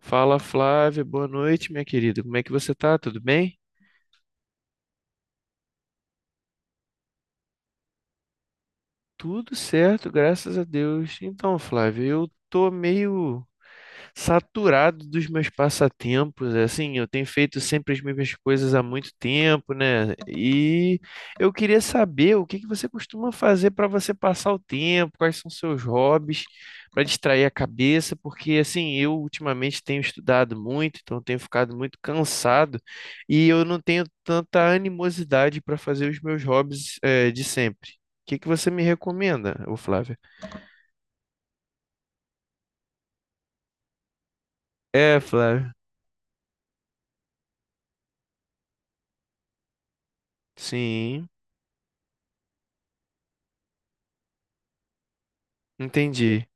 Fala Flávia, boa noite, minha querida. Como é que você tá? Tudo bem? Tudo certo, graças a Deus. Então, Flávia, eu tô meio saturado dos meus passatempos, é assim, eu tenho feito sempre as mesmas coisas há muito tempo, né? E eu queria saber o que que você costuma fazer para você passar o tempo, quais são seus hobbies para distrair a cabeça, porque assim, eu ultimamente tenho estudado muito, então tenho ficado muito cansado e eu não tenho tanta animosidade para fazer os meus hobbies de sempre. O que que você me recomenda, ô Flávia? É, Flávia. Sim, entendi.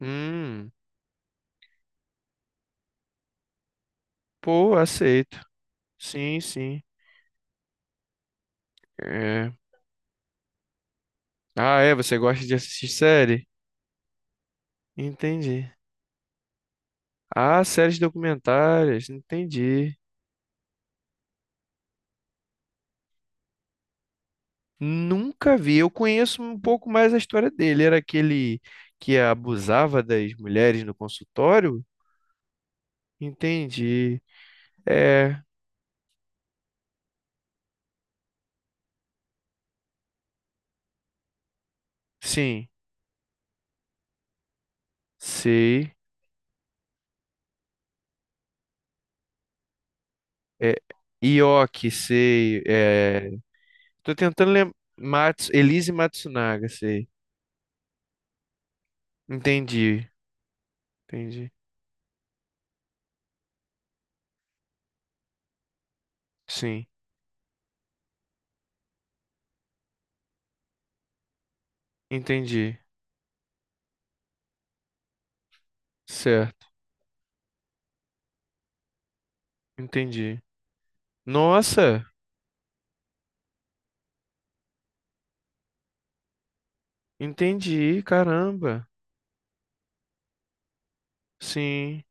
Hum. Pô, aceito. Sim, sim. É. Ah, é? Você gosta de assistir série? Entendi. Ah, séries documentárias. Entendi. Nunca vi. Eu conheço um pouco mais a história dele. Era aquele que abusava das mulheres no consultório? Entendi. É, sim. Sei. É, Ioki, sei. É, tô tentando lembrar. Elise Matsunaga, sei. Entendi. Entendi. Sim. Entendi. Certo. Entendi. Nossa, entendi, caramba. Sim.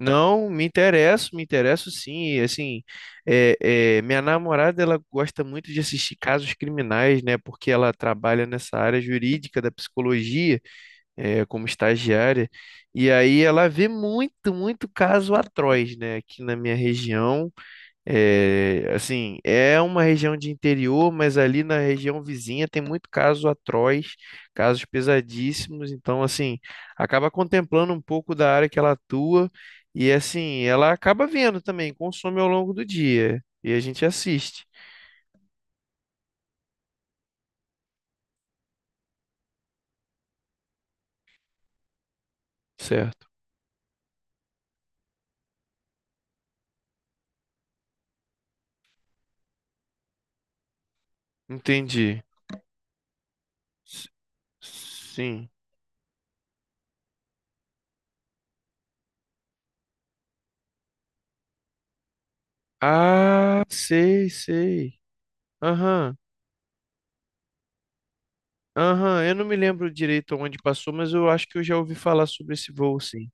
Não, me interesso sim. E, assim, é, minha namorada ela gosta muito de assistir casos criminais, né? Porque ela trabalha nessa área jurídica da psicologia, como estagiária. E aí ela vê muito, muito caso atroz, né? Aqui na minha região. É, assim, é uma região de interior, mas ali na região vizinha tem muito caso atroz, casos pesadíssimos. Então, assim, acaba contemplando um pouco da área que ela atua e, assim, ela acaba vendo também, consome ao longo do dia e a gente assiste, certo? Entendi. S- Sim. Ah, sei, sei. Aham, aham. Eu não me lembro direito onde passou, mas eu acho que eu já ouvi falar sobre esse voo, sim.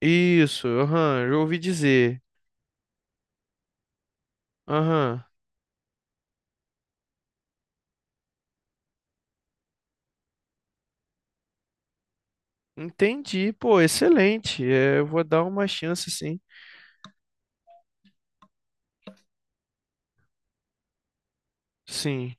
Isso, aham, eu ouvi dizer. Aham, entendi, pô, excelente. É, eu vou dar uma chance, sim. Sim.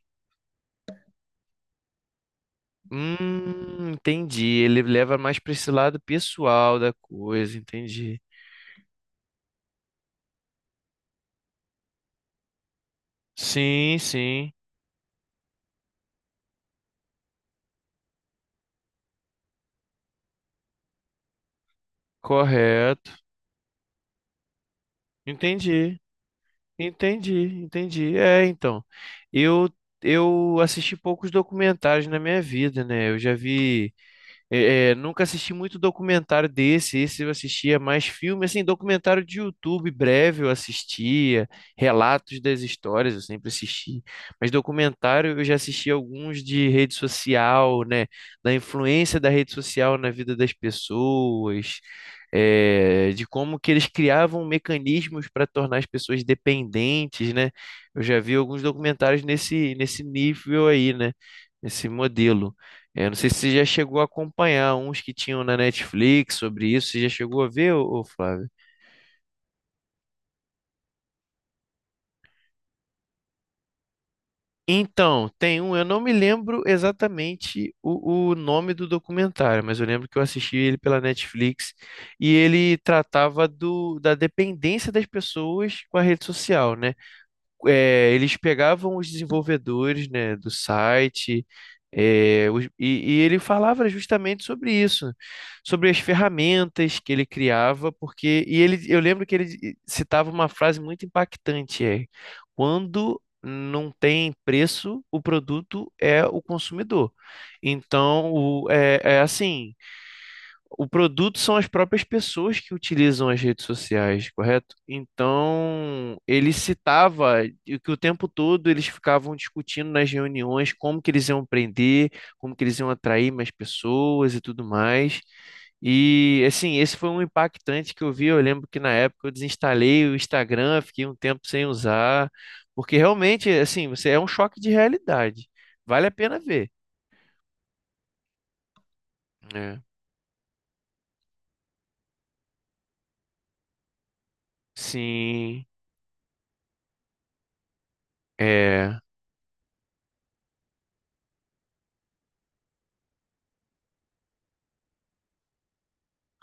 Entendi. Ele leva mais para esse lado pessoal da coisa, entendi. Sim, sim, correto. Entendi, entendi, entendi. É, então, eu eu assisti poucos documentários na minha vida, né? Eu já vi. Nunca assisti muito documentário desse. Esse eu assistia mais filme, assim, documentário de YouTube breve eu assistia, relatos das histórias eu sempre assisti, mas documentário eu já assisti alguns de rede social, né, da influência da rede social na vida das pessoas, de como que eles criavam mecanismos para tornar as pessoas dependentes, né? Eu já vi alguns documentários nesse nível aí, né? Nesse modelo. Eu não sei se você já chegou a acompanhar uns que tinham na Netflix sobre isso. Você já chegou a ver, ô Flávio? Então, tem um, eu não me lembro exatamente o nome do documentário, mas eu lembro que eu assisti ele pela Netflix e ele tratava da dependência das pessoas com a rede social, né? Eles pegavam os desenvolvedores, né, do site, e ele falava justamente sobre isso, sobre as ferramentas que ele criava, porque e ele, eu lembro que ele citava uma frase muito impactante, quando não tem preço, o produto é o consumidor. Então, é assim, o produto são as próprias pessoas que utilizam as redes sociais, correto? Então, ele citava e que o tempo todo eles ficavam discutindo nas reuniões como que eles iam prender, como que eles iam atrair mais pessoas e tudo mais. E assim, esse foi um impactante que eu vi. Eu lembro que na época eu desinstalei o Instagram, fiquei um tempo sem usar, porque realmente, assim, você é um choque de realidade. Vale a pena ver, né? Sim, é,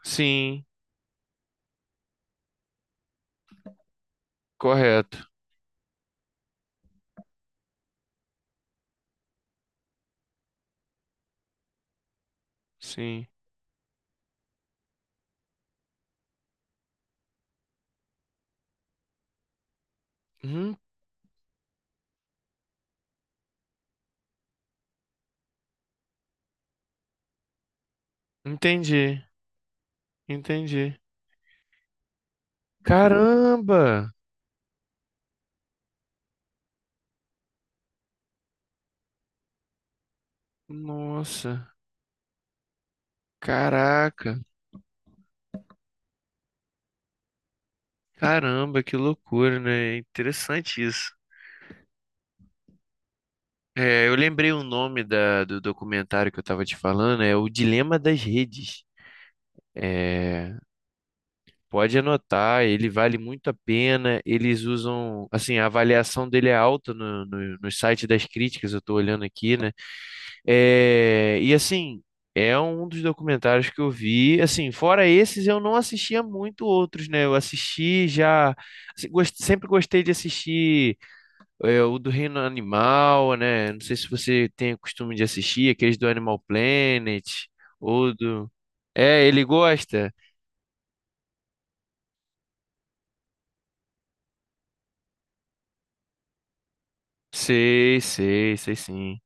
sim. Correto. Sim. Uhum, entendi. Entendi. Caramba! Nossa. Caraca. Caramba, que loucura, né? Interessante isso. É, eu lembrei o nome do documentário que eu estava te falando, é O Dilema das Redes. É, pode anotar, ele vale muito a pena. Eles usam, assim, a avaliação dele é alta no site das críticas, eu estou olhando aqui, né? É, e assim, é um dos documentários que eu vi. Assim, fora esses, eu não assistia muito outros, né? Eu assisti já. Assim, sempre gostei de assistir o do Reino Animal, né? Não sei se você tem o costume de assistir aqueles do Animal Planet ou do. É, ele gosta? Sei, sei, sei sim.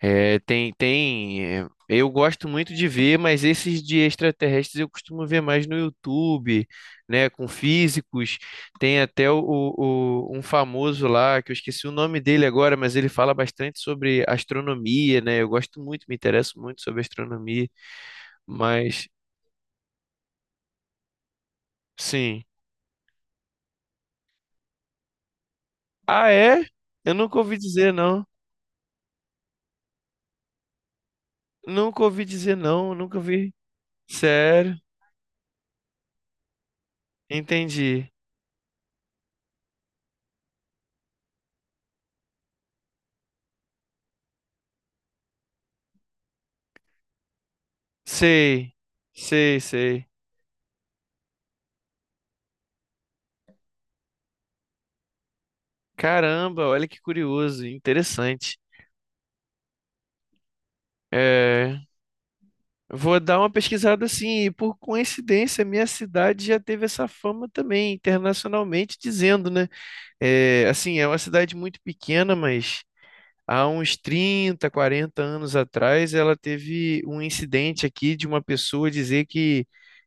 É, tem, tem. Eu gosto muito de ver, mas esses de extraterrestres eu costumo ver mais no YouTube, né? Com físicos. Tem até um famoso lá, que eu esqueci o nome dele agora, mas ele fala bastante sobre astronomia, né? Eu gosto muito, me interesso muito sobre astronomia, mas sim. Ah, é? Eu nunca ouvi dizer, não. Nunca ouvi dizer, não. Nunca ouvi. Sério? Entendi. Sei. Sei, sei. Caramba, olha que curioso, interessante. É, vou dar uma pesquisada assim, e por coincidência, minha cidade já teve essa fama também, internacionalmente dizendo, né? É, assim, é uma cidade muito pequena, mas há uns 30, 40 anos atrás, ela teve um incidente aqui de uma pessoa dizer que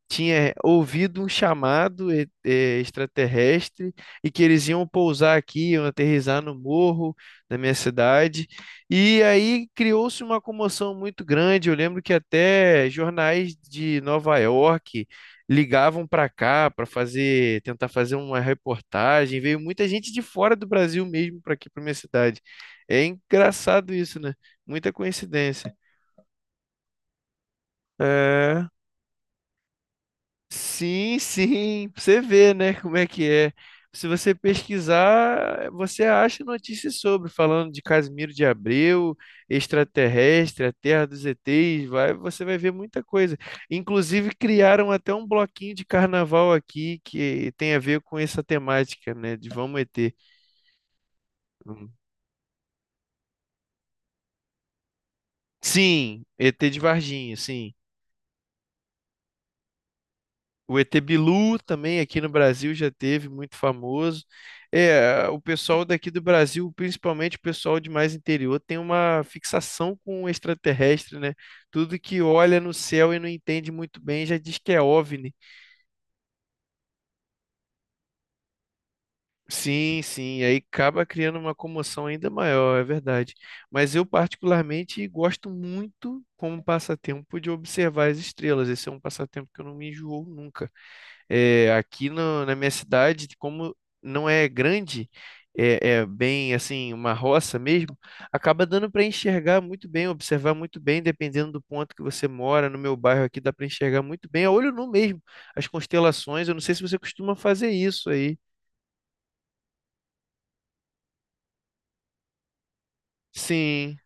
tinha ouvido um chamado extraterrestre e que eles iam pousar aqui, iam aterrissar no morro da minha cidade. E aí criou-se uma comoção muito grande. Eu lembro que até jornais de Nova York ligavam para cá para fazer, tentar fazer uma reportagem. Veio muita gente de fora do Brasil mesmo para aqui, para minha cidade. É engraçado isso, né? Muita coincidência. É. Sim, sim, pra você ver, né, como é que é. Se você pesquisar, você acha notícias sobre, falando de Casimiro de Abreu, extraterrestre, a Terra dos ETs, vai, você vai ver muita coisa. Inclusive, criaram até um bloquinho de carnaval aqui que tem a ver com essa temática, né, de Vamos ET. Sim, ET de Varginha, sim. O ET Bilu também aqui no Brasil já teve, muito famoso. É, o pessoal daqui do Brasil, principalmente o pessoal de mais interior, tem uma fixação com o extraterrestre, né? Tudo que olha no céu e não entende muito bem já diz que é OVNI. Sim, sim, aí acaba criando uma comoção ainda maior, é verdade. Mas eu particularmente gosto muito como passatempo de observar as estrelas. Esse é um passatempo que eu não me enjoo nunca. É, aqui na minha cidade, como não é grande, é bem assim, uma roça mesmo, acaba dando para enxergar muito bem, observar muito bem, dependendo do ponto que você mora. No meu bairro aqui dá para enxergar muito bem, a olho nu mesmo, as constelações. Eu não sei se você costuma fazer isso aí. Sim,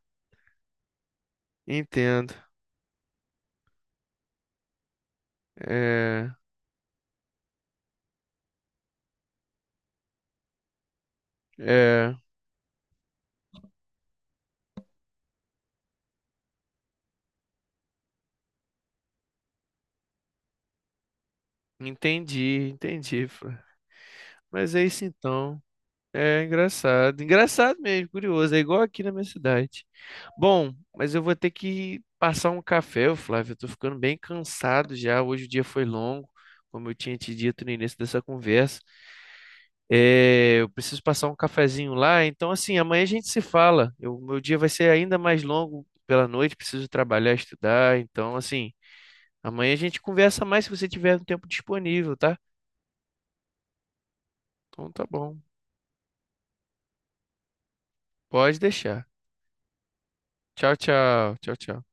entendo. É, é, entendi, entendi. Fran. Mas é isso então. É engraçado, engraçado mesmo, curioso, é igual aqui na minha cidade. Bom, mas eu vou ter que passar um café, ô Flávio, eu tô ficando bem cansado já, hoje o dia foi longo, como eu tinha te dito no início dessa conversa. É, eu preciso passar um cafezinho lá, então assim, amanhã a gente se fala. Meu dia vai ser ainda mais longo pela noite, preciso trabalhar, estudar, então assim, amanhã a gente conversa mais se você tiver um tempo disponível, tá? Então tá bom, pode deixar. Tchau, tchau, tchau, tchau.